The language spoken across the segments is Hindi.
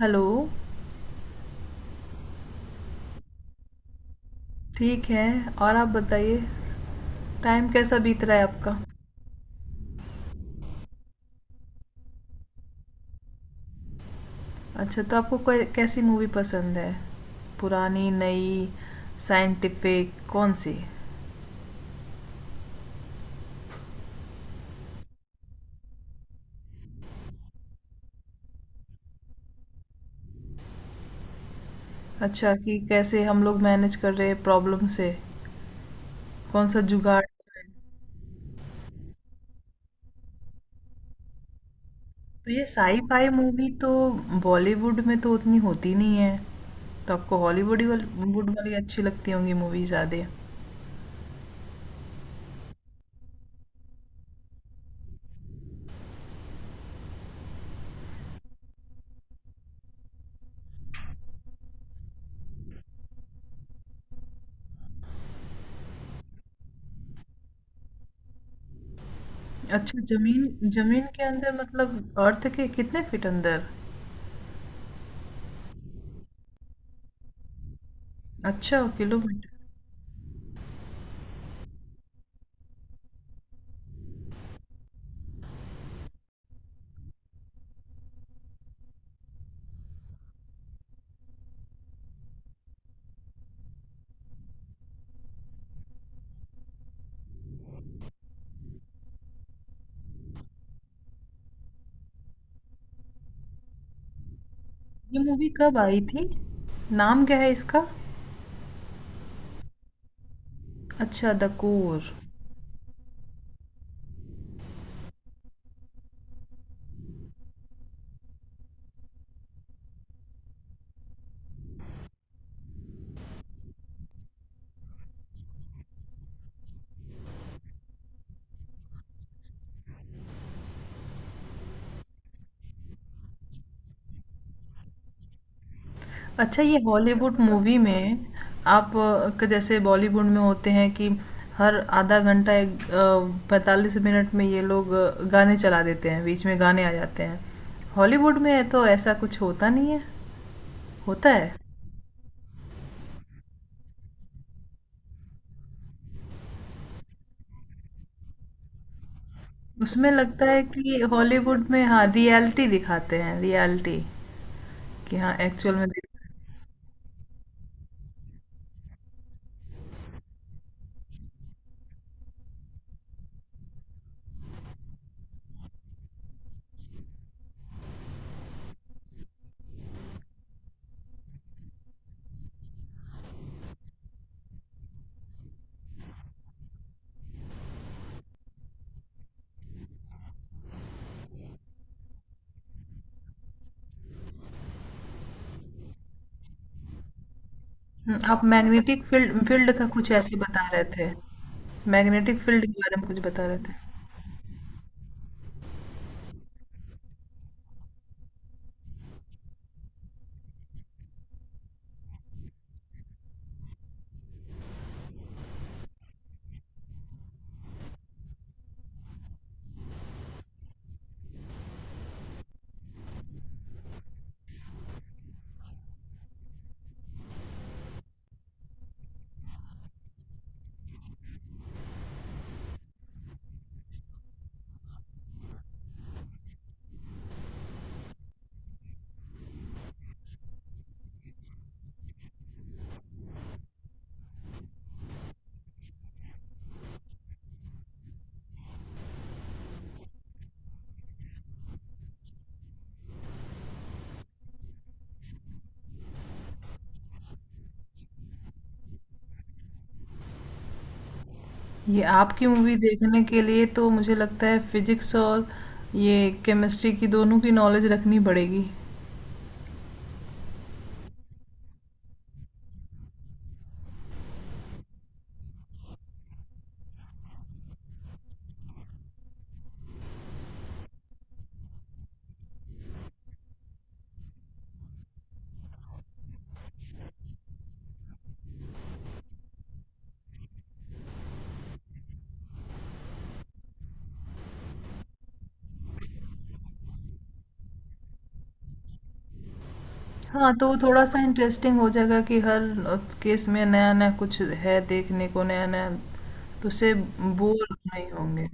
हेलो। ठीक है। और आप बताइए, टाइम कैसा बीत रहा है आपका? अच्छा, तो आपको कै कैसी मूवी पसंद है? पुरानी, नई, साइंटिफिक कौन-सी? अच्छा, कि कैसे हम लोग मैनेज कर रहे हैं प्रॉब्लम से, कौन-सा जुगाड़ है? तो ये साइ-फाई मूवी तो बॉलीवुड में तो उतनी होती नहीं है, तो आपको हॉलीवुड ही वाल वुड वाली अच्छी लगती होंगी मूवी ज़्यादा। अच्छा, ज़मीन ज़मीन के अंदर मतलब अर्थ के कितने फीट अंदर? अच्छा, किलोमीटर। ये मूवी कब आई थी? नाम क्या है इसका? अच्छा, द कोर। अच्छा, ये हॉलीवुड मूवी में आप जैसे बॉलीवुड में होते हैं कि हर आधा घंटा एक पैंतालीस मिनट में ये लोग गाने चला देते हैं, बीच में गाने आ जाते हैं। हॉलीवुड में तो ऐसा कुछ होता नहीं है, होता है? उसमें लगता है कि हॉलीवुड में हाँ रियलिटी दिखाते हैं, रियलिटी कि हाँ एक्चुअल में। आप मैग्नेटिक फील्ड फील्ड का कुछ ऐसे बता रहे थे। मैग्नेटिक फील्ड के बारे में कुछ बता रहे थे। ये आपकी मूवी देखने के लिए तो मुझे लगता है फिजिक्स और ये केमिस्ट्री की दोनों की नॉलेज रखनी पड़ेगी। हाँ, तो थोड़ा-सा इंटरेस्टिंग हो जाएगा कि हर केस में नया-नया कुछ है देखने को, नया-नया, तो उससे बोर नहीं होंगे।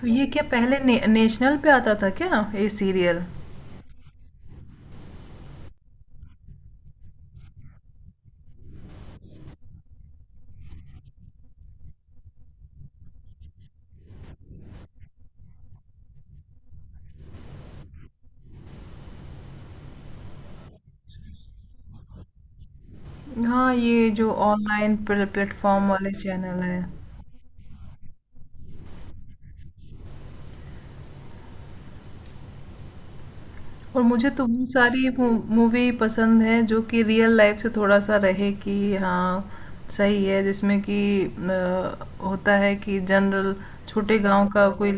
तो ये क्या पहले ने नेशनल पे आता था क्या ये सीरियल? हाँ, ये जो ऑनलाइन प्लेटफ़ॉर्म वाले चैनल हैं। और मुझे तो वो सारी मूवी पसंद है जो कि रियल लाइफ से थोड़ा सा रहे कि हाँ सही है, जिसमें कि होता है कि जनरल छोटे गांव का कोई।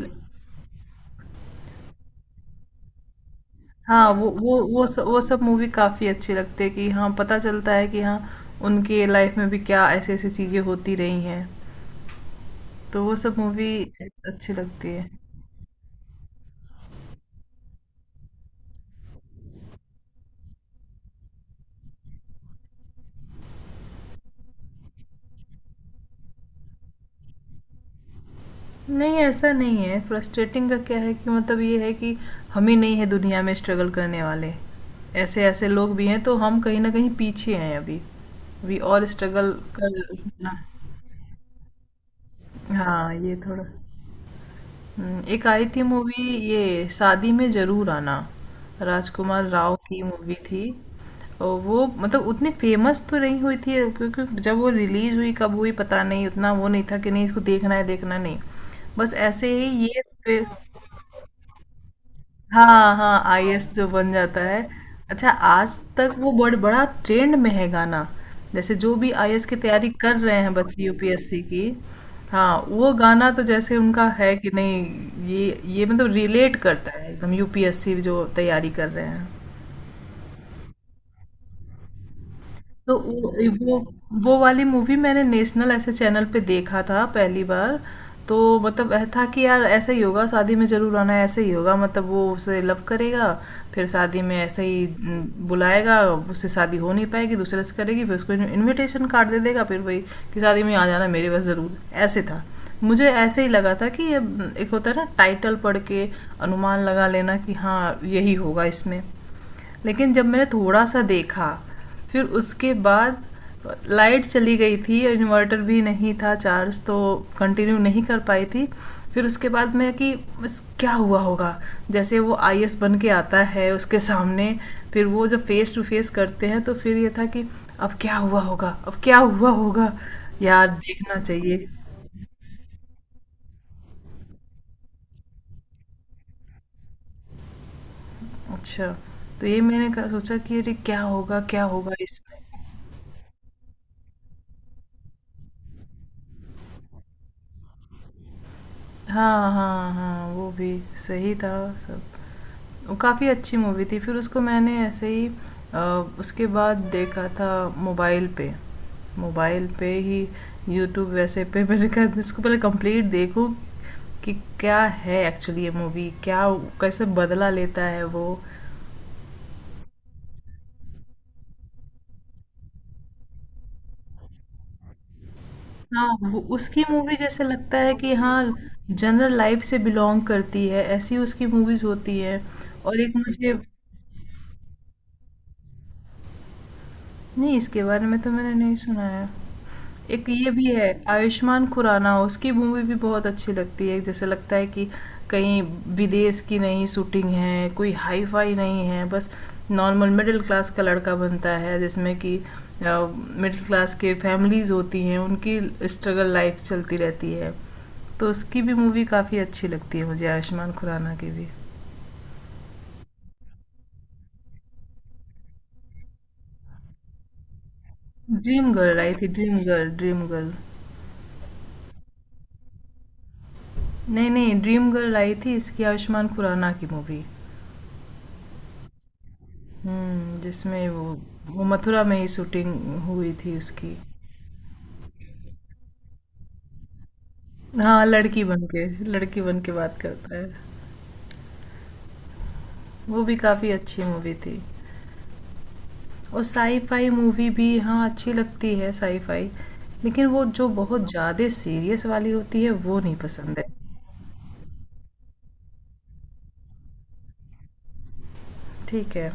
हाँ, वो सब मूवी काफी अच्छी लगती है कि हाँ पता चलता है कि हाँ उनके लाइफ में भी क्या ऐसे ऐसी चीजें होती रही हैं, तो वो सब मूवी अच्छी लगती है। नहीं, ऐसा नहीं है, फ्रस्ट्रेटिंग का क्या है कि मतलब ये है कि हम ही नहीं है दुनिया में स्ट्रगल करने वाले। ऐसे-ऐसे लोग भी हैं, तो हम कहीं न कहीं पीछे हैं अभी। वी और स्ट्रगल कर। हाँ, ये थोड़ा एक आई थी मूवी, ये शादी में ज़रूर आना, राजकुमार राव की मूवी थी। और वो मतलब उतनी फेमस तो नहीं हुई थी, क्योंकि जब वो रिलीज़ हुई, कब हुई पता नहीं, उतना वो नहीं था कि नहीं इसको देखना है, नहीं। बस ऐसे ही ये फिर। हाँ, हाँ, आईएएस जो बन जाता है। अच्छा, आज तक वो बड़ा ट्रेंड में है गाना। जैसे जो भी आईएएस की तैयारी कर रहे हैं बच्चे यूपीएससी की। हाँ, वो गाना तो जैसे उनका है कि नहीं, ये मतलब रिलेट करता है एकदम, यूपीएससी जो तैयारी कर रहे हैं। तो वो वो वाली मूवी मैंने नेशनल ऐसे चैनल पे देखा था पहली बार। तो मतलब ऐसा था कि यार ऐसे ही होगा शादी में जरूर आना ऐसे ही होगा, मतलब वो उसे लव करेगा, फिर शादी में ऐसे ही न, बुलाएगा, उससे शादी हो नहीं पाएगी, दूसरे से करेगी, फिर उसको इनविटेशन कार्ड दे देगा, फिर वही कि शादी में आ जाना मेरे पास जरूर। ऐसे था, मुझे ऐसे ही लगा था कि ये एक होता है ना टाइटल पढ़ के अनुमान लगा लेना कि हाँ यही होगा इसमें। लेकिन जब मैंने थोड़ा सा देखा, फिर उसके बाद लाइट चली गई थी, इन्वर्टर भी नहीं था चार्ज, तो कंटिन्यू नहीं कर पाई थी। फिर उसके बाद मैं कि बस क्या हुआ होगा, जैसे वो आई बन के आता है उसके सामने, फिर वो जब फेस टू फेस करते हैं, तो फिर ये था कि अब क्या हुआ होगा, यार देखना चाहिए। अच्छा, तो ये मैंने सोचा कि अरे क्या होगा इसमें। हाँ, हाँ, हाँ, वो भी सही था सब, काफ़ी अच्छी मूवी थी। फिर उसको मैंने ऐसे ही अ, उसके बाद देखा था मोबाइल पे, मोबाइल पे ही यूट्यूब वैसे पे, मैंने कहा इसको पहले कंप्लीट देखूं कि क्या है एक्चुअली ये मूवी, क्या, कैसे बदला लेता है वो। हाँ वो उसकी मूवी जैसे लगता है कि हाँ जनरल लाइफ से बिलोंग करती है, ऐसी उसकी मूवीज होती है। और एक मुझे, नहीं इसके बारे में तो मैंने नहीं सुना है। एक ये भी है आयुष्मान खुराना, उसकी मूवी भी बहुत अच्छी लगती है, जैसे लगता है कि कहीं विदेश की नहीं शूटिंग है, कोई हाई फाई नहीं है, बस नॉर्मल मिडिल क्लास का लड़का बनता है, जिसमें कि मिडिल क्लास के फैमिलीज होती हैं, उनकी स्ट्रगल लाइफ चलती रहती है, तो उसकी भी मूवी काफ़ी अच्छी लगती है मुझे, आयुष्मान खुराना की भी। Dream girl. नहीं नहीं, ड्रीम गर्ल आई थी इसकी, आयुष्मान खुराना की मूवी। हम्म, जिसमें वो मथुरा में ही शूटिंग हुई थी उसकी। हाँ, लड़की बन के बात करता है। वो भी काफ़ी अच्छी मूवी थी। और साई फाई मूवी भी हाँ अच्छी लगती है, साई फाई, लेकिन वो जो बहुत ज़्यादा सीरियस वाली होती है वो नहीं पसंद है। ठीक है।